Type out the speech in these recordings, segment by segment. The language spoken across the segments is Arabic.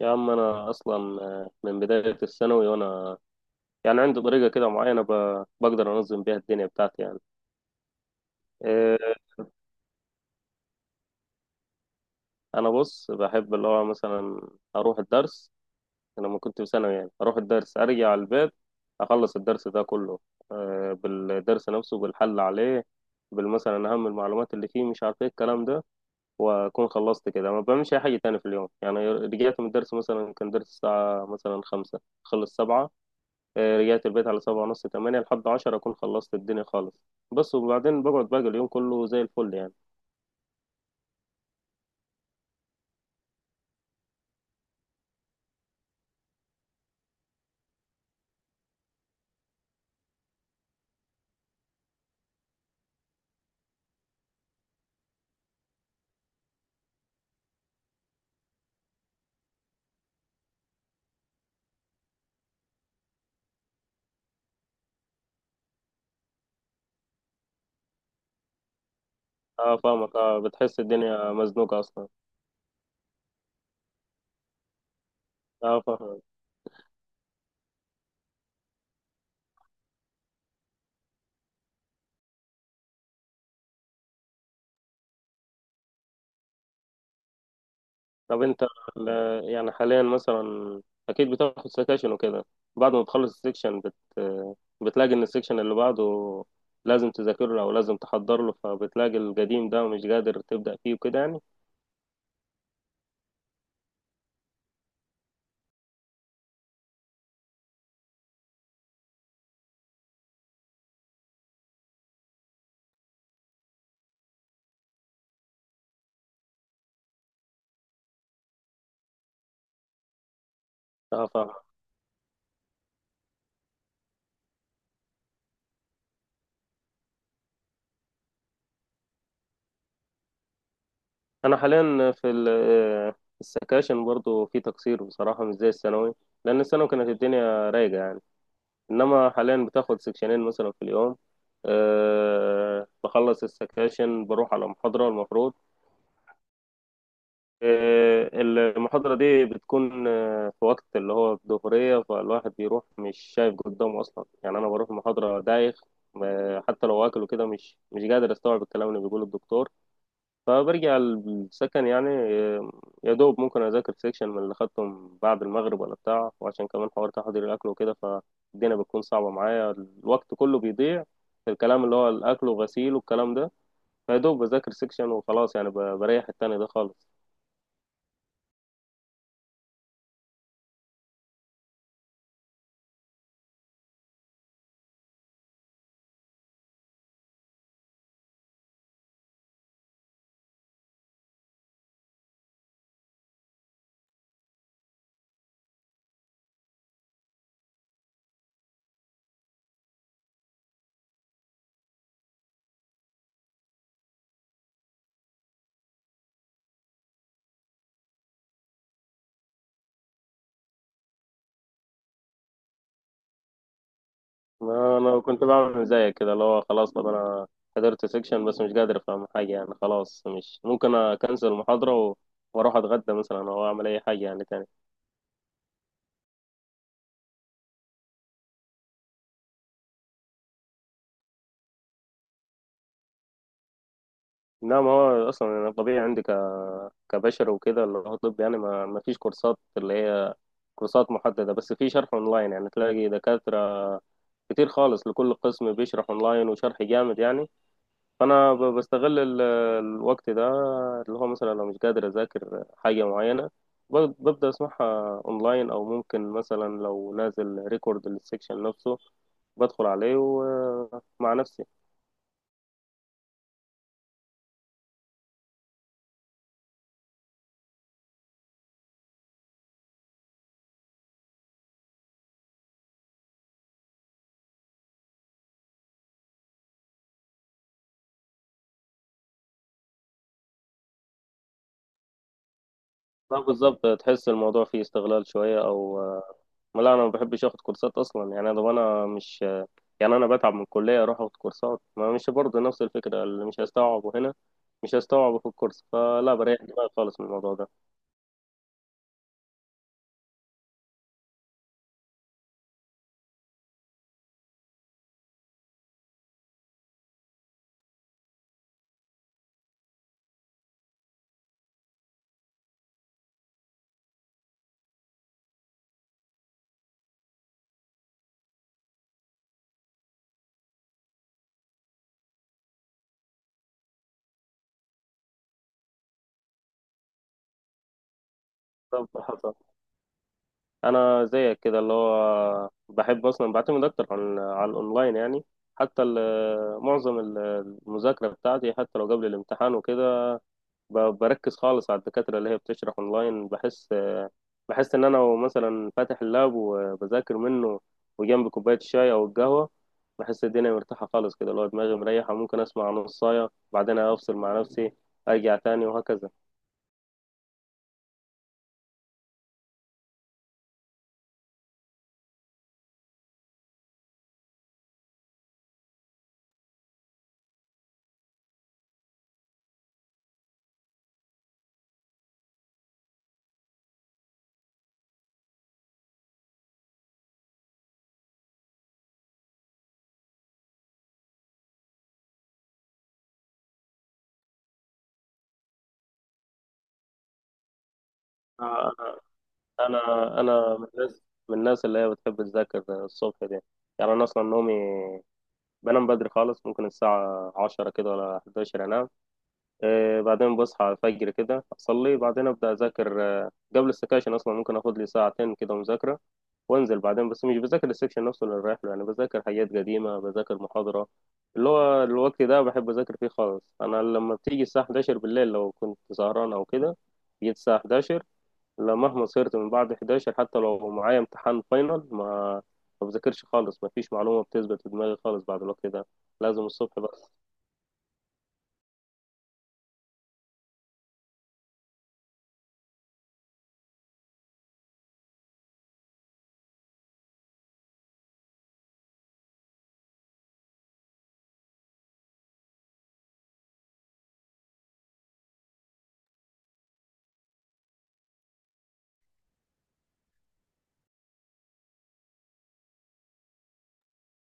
يا عم انا اصلا من بدايه الثانوي وانا يعني عندي طريقه كده معينه بقدر انظم بيها الدنيا بتاعتي يعني. آه، انا بص بحب اللي هو مثلا اروح الدرس. أنا لما كنت في ثانوي يعني اروح الدرس ارجع على البيت اخلص الدرس ده كله، بالدرس نفسه بالحل عليه بالمثلا اهم المعلومات اللي فيه مش عارف ايه الكلام ده. واكون خلصت كده ما بعملش اي حاجه تاني في اليوم. يعني رجعت من الدرس مثلا كان درس الساعه مثلا 5 خلص 7، رجعت البيت على 7:30 8، لحد 10 أكون خلصت الدنيا خالص. بس وبعدين بقعد باقي اليوم كله زي الفل يعني. اه، فاهمك اه، بتحس الدنيا مزنوقة أصلا. اه، فاهمك. طب أنت ال- يعني حاليا مثلا أكيد بتاخد سكاشن وكده، بعد ما بتخلص السكشن بتلاقي إن السكشن اللي بعده لازم تذاكر له أو لازم تحضر له، فبتلاقي القديم ده مش قادر تبدأ فيه وكده يعني. اه، فاهمك. انا حاليا في السكاشن برضو في تقصير بصراحه، مش زي الثانوي. لان الثانوي كانت الدنيا رايقه يعني، انما حاليا بتاخد سكشنين مثلا في اليوم. أه، بخلص السكاشن بروح على محاضره المفروض. أه، المحاضره دي بتكون في وقت اللي هو الظهريه، فالواحد بيروح مش شايف قدامه اصلا يعني، انا بروح محاضره دايخ. حتى لو واكل وكده مش قادر استوعب الكلام اللي بيقوله الدكتور. فبرجع السكن يعني، يا دوب ممكن أذاكر سيكشن من اللي خدتهم بعد المغرب ولا بتاع. وعشان كمان حوار تحضير الأكل وكده فالدنيا بتكون صعبة معايا، الوقت كله بيضيع في الكلام اللي هو الأكل وغسيل والكلام ده. فيا دوب بذاكر سيكشن وخلاص يعني، بريح التاني ده خالص. ما أنا كنت بعمل زيك كده، اللي هو خلاص طب أنا حضرت سيكشن بس مش قادر أفهم حاجة يعني خلاص، مش ممكن أكنسل المحاضرة وأروح أتغدى مثلا أو أعمل أي حاجة يعني تاني. لا، ما هو اصلا انا طبيعي عندي كبشر وكده. اللي هو طب يعني ما فيش كورسات اللي هي كورسات محدده، بس في شرح اونلاين يعني، تلاقي دكاتره كتير خالص لكل قسم بيشرح اونلاين وشرح جامد يعني. فانا بستغل الوقت ده اللي هو مثلا لو مش قادر اذاكر حاجه معينه ببدا اسمعها اونلاين، او ممكن مثلا لو نازل ريكورد للسكشن نفسه بدخل عليه ومع نفسي. لا بالظبط، تحس الموضوع فيه استغلال شويه او. لا انا ما بحبش اخد كورسات اصلا يعني، انا مش يعني، انا بتعب من الكليه اروح اخد كورسات، ما مش برضه نفس الفكره، اللي مش هستوعبه هنا مش هستوعبه في الكورس، فلا بريح دماغي خالص من الموضوع ده. طب حصل انا زيك كده، اللي هو بحب اصلا بعتمد اكتر عن على الاونلاين يعني. حتى معظم المذاكره بتاعتي حتى لو قبل الامتحان وكده بركز خالص على الدكاترة اللي هي بتشرح اونلاين. بحس ان انا لو مثلا فاتح اللاب وبذاكر منه وجنبي كوباية الشاي او القهوة، بحس الدنيا مرتاحة خالص كده. لو دماغي مريحة ممكن اسمع نصاية بعدين افصل مع نفسي ارجع تاني وهكذا. انا انا أنا من الناس من الناس اللي هي بتحب تذاكر الصبح دي. يعني انا اصلا نومي بنام بدري خالص، ممكن الساعة 10 كده ولا 11 انام. بعدين بصحى على الفجر كده أصلي، بعدين أبدأ أذاكر، قبل السكاشن أصلا ممكن أخد لي ساعتين كده مذاكرة وأنزل بعدين. بس مش بذاكر السكشن نفسه اللي رايح له يعني، بذاكر حاجات قديمة، بذاكر محاضرة. اللي هو الوقت ده بحب أذاكر فيه خالص. أنا لما بتيجي الساعة 11 بالليل لو كنت سهران أو كده جيت الساعة 11، لا، مهما صرت من بعد 11 حتى لو معايا امتحان فاينل ما بذاكرش خالص. ما فيش معلومة بتثبت في دماغي خالص بعد الوقت ده، لازم الصبح.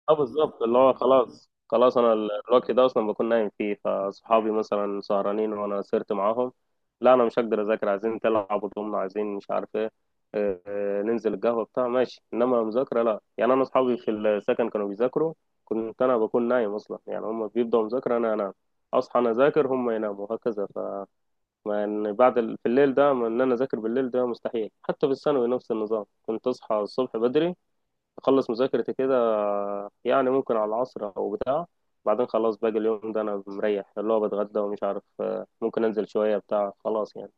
اه بالظبط، اللي هو خلاص خلاص انا الوقت ده اصلا بكون نايم فيه. فاصحابي مثلا سهرانين وانا سهرت معاهم، لا انا مش هقدر اذاكر، عايزين تلعبوا ضمنا، عايزين مش عارف ايه، ننزل القهوه بتاع ماشي، انما مذاكره لا. يعني انا اصحابي في السكن كانوا بيذاكروا كنت انا بكون نايم اصلا يعني، هم بيبداوا مذاكره انا انام، اصحى انا اذاكر هم يناموا وهكذا. فمن بعد في الليل ده، من ان انا اذاكر بالليل ده مستحيل. حتى في الثانوي نفس النظام، كنت اصحى الصبح بدري اخلص مذاكرتي كده يعني ممكن على العصر او بتاع، بعدين خلاص باقي اليوم ده انا مريح، اللي هو بتغدى ومش عارف، ممكن انزل شوية بتاع خلاص يعني.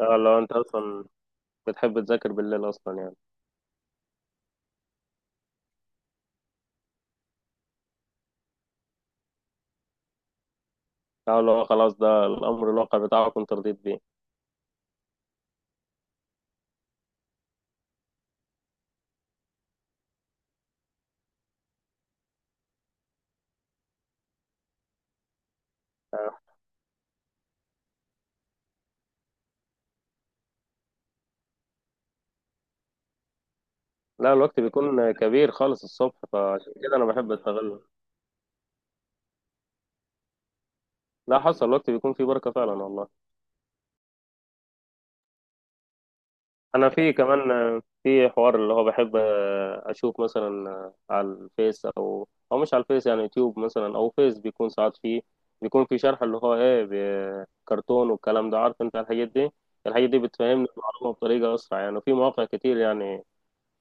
لو انت اصلا بتحب تذاكر بالليل اصلا يعني. اه لو خلاص ده الامر الواقع بتاعك وانت رضيت بيه. آه، لا الوقت بيكون كبير خالص الصبح، فعشان كده انا بحب استغله. لا حصل، الوقت بيكون فيه بركة فعلا والله. انا في كمان في حوار اللي هو بحب اشوف مثلا على الفيس، او مش على الفيس يعني، يوتيوب مثلا او فيس، بيكون ساعات فيه بيكون في شرح اللي هو ايه كرتون والكلام ده، عارف انت الحاجات دي. الحاجات دي بتفهمني المعلومة بطريقة اسرع يعني، وفي مواقع كتير يعني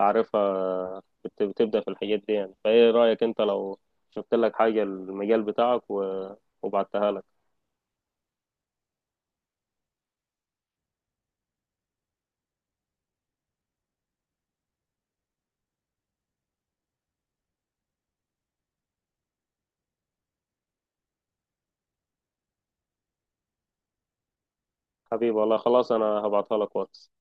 اعرفها بتبدأ في الحاجات دي يعني. فايه رأيك انت لو شفت لك حاجة المجال بتاعك وبعتها لك. حبيبي والله خلاص انا هبعتها لك واتس.